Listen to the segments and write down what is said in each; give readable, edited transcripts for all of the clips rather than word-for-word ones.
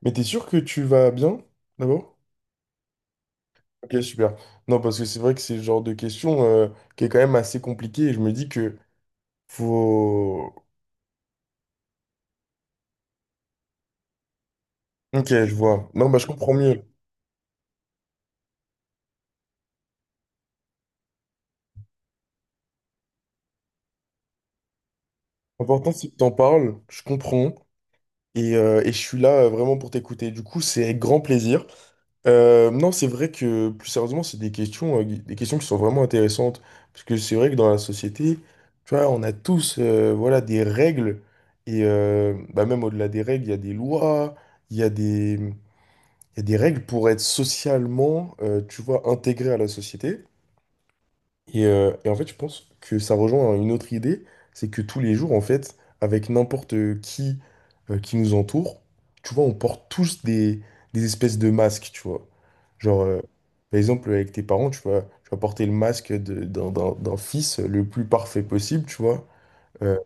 Mais t'es sûr que tu vas bien, d'abord? Ok, super. Non, parce que c'est vrai que c'est le genre de question qui est quand même assez compliquée et je me dis que faut... Ok, je vois. Non, bah je comprends mieux. L'important, c'est que t'en parles, je comprends et je suis là vraiment pour t'écouter. Du coup, c'est avec grand plaisir. Non, c'est vrai que plus sérieusement, c'est des questions qui sont vraiment intéressantes. Parce que c'est vrai que dans la société, tu vois, on a tous voilà, des règles. Et bah, même au-delà des règles, il y a des lois, il y a des règles pour être socialement, tu vois, intégré à la société. Et en fait, je pense que ça rejoint une autre idée, c'est que tous les jours, en fait, avec n'importe qui qui nous entoure, tu vois, on porte tous des espèces de masques, tu vois. Genre, par exemple, avec tes parents, tu vois, tu vas porter le masque d'un fils le plus parfait possible, tu vois. Euh,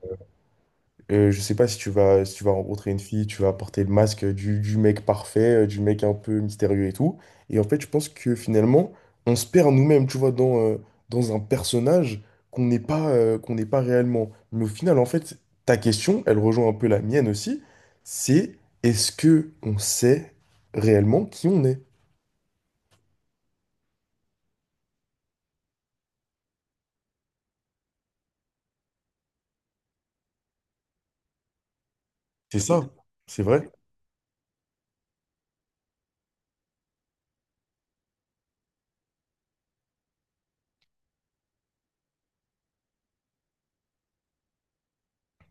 je sais pas si tu vas, si tu vas rencontrer une fille, tu vas porter le masque du mec parfait, du mec un peu mystérieux et tout. Et en fait, je pense que finalement, on se perd nous-mêmes, tu vois, dans, dans un personnage qu'on n'est pas réellement. Mais au final, en fait, ta question, elle rejoint un peu la mienne aussi, c'est est-ce que on sait réellement qui on est? C'est ça, c'est vrai.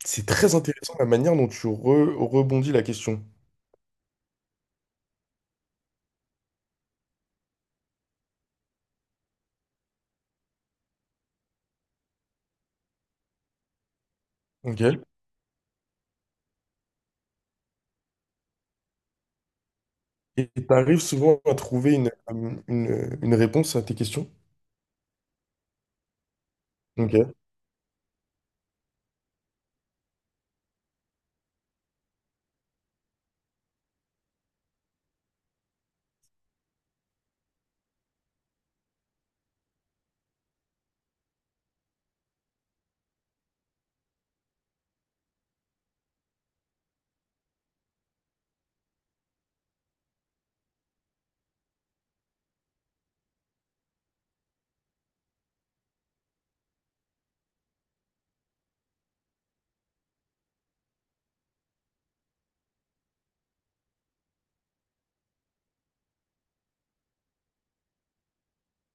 C'est très intéressant la manière dont rebondis la question. Ok. Et tu arrives souvent à trouver une réponse à tes questions? Ok,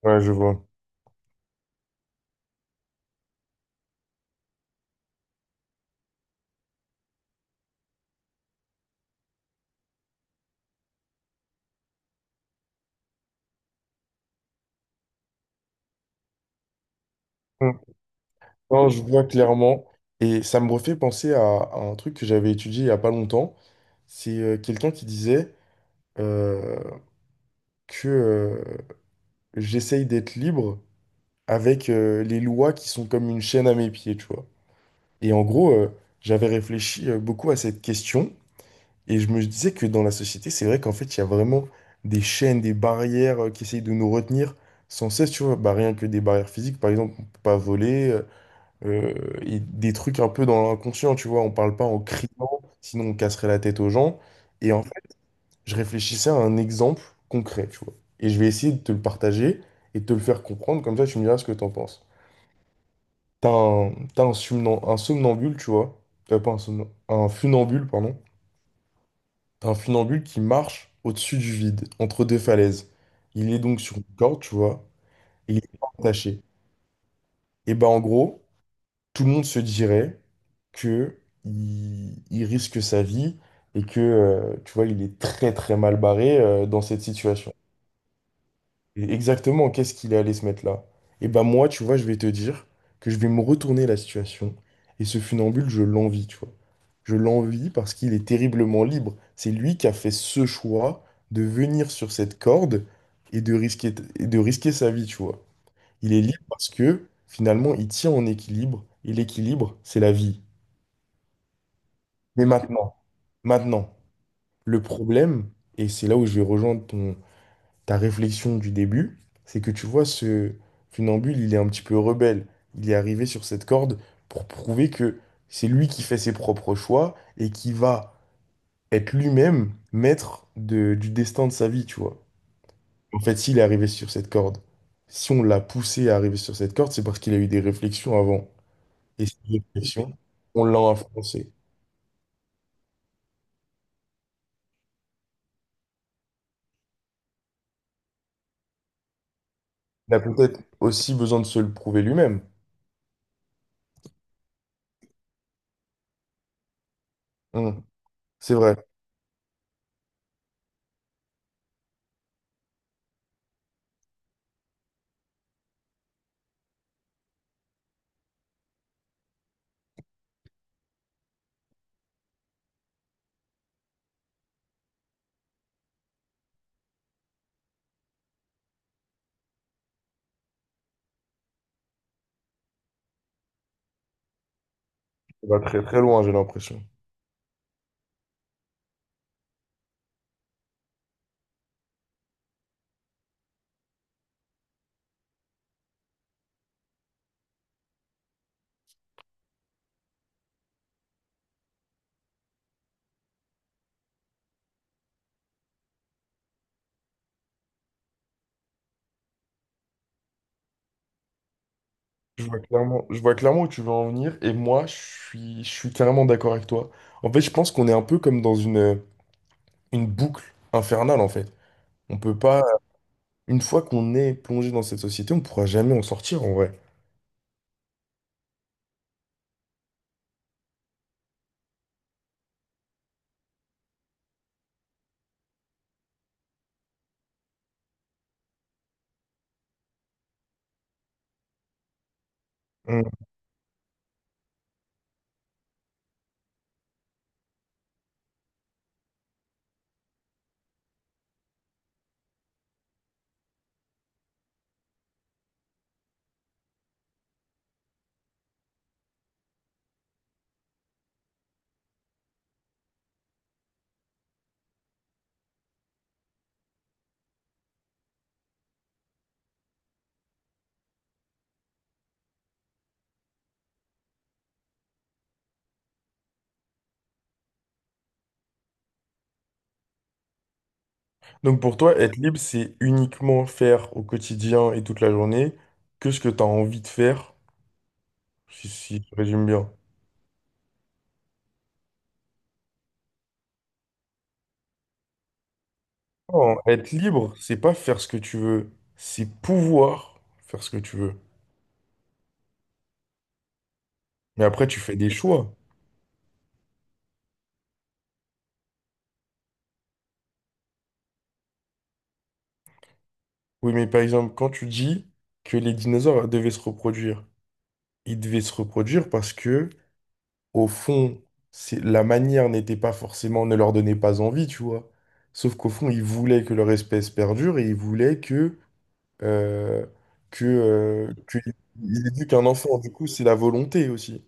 ouais, je vois. Mm. Non, je vois clairement. Et ça me refait penser à un truc que j'avais étudié il n'y a pas longtemps. C'est quelqu'un qui disait euh, que j'essaye d'être libre avec les lois qui sont comme une chaîne à mes pieds, tu vois. Et en gros, j'avais réfléchi beaucoup à cette question. Et je me disais que dans la société, c'est vrai qu'en fait, il y a vraiment des chaînes, des barrières qui essayent de nous retenir sans cesse, tu vois. Bah, rien que des barrières physiques, par exemple, on peut pas voler, euh, et des trucs un peu dans l'inconscient, tu vois. On parle pas en criant, sinon on casserait la tête aux gens. Et en fait, je réfléchissais à un exemple concret, tu vois. Et je vais essayer de te le partager et de te le faire comprendre, comme ça tu me diras ce que t'en penses. Un somnambule, tu vois. Pas un somnambule, un funambule, pardon. T'as un funambule qui marche au-dessus du vide, entre deux falaises. Il est donc sur une corde, tu vois, et il est pas attaché. Et ben en gros, tout le monde se dirait que il risque sa vie et que, tu vois, il est très très mal barré dans cette situation. Et exactement, qu'est-ce qu'il est allé se mettre là? Et ben moi, tu vois, je vais te dire que je vais me retourner la situation. Et ce funambule, je l'envie, tu vois. Je l'envie parce qu'il est terriblement libre. C'est lui qui a fait ce choix de venir sur cette corde et de risquer sa vie, tu vois. Il est libre parce que finalement, il tient en équilibre. Et l'équilibre, c'est la vie. Mais maintenant, maintenant, le problème, et c'est là où je vais rejoindre ta réflexion du début, c'est que tu vois, ce funambule, il est un petit peu rebelle. Il est arrivé sur cette corde pour prouver que c'est lui qui fait ses propres choix et qui va être lui-même maître du destin de sa vie, tu vois. En fait, s'il est arrivé sur cette corde, si on l'a poussé à arriver sur cette corde, c'est parce qu'il a eu des réflexions avant. Et ces réflexions, on l'a influencé. Il a peut-être aussi besoin de se le prouver lui-même. Hum, c'est vrai. On va très très loin, j'ai l'impression. Je vois clairement où tu veux en venir et moi, je suis carrément d'accord avec toi. En fait, je pense qu'on est un peu comme dans une boucle infernale, en fait. On peut pas, une fois qu'on est plongé dans cette société, on pourra jamais en sortir, en vrai. Mm. Donc pour toi, être libre, c'est uniquement faire au quotidien et toute la journée que ce que tu as envie de faire, si je résume bien. Non, être libre, c'est pas faire ce que tu veux, c'est pouvoir faire ce que tu veux. Mais après, tu fais des choix. Oui, mais par exemple, quand tu dis que les dinosaures devaient se reproduire, ils devaient se reproduire parce que, au fond, c'est, la manière n'était pas forcément, ne leur donnait pas envie, tu vois. Sauf qu'au fond, ils voulaient que leur espèce perdure et ils voulaient que, euh, que, euh, que- ils éduquent un enfant. Du coup, c'est la volonté aussi.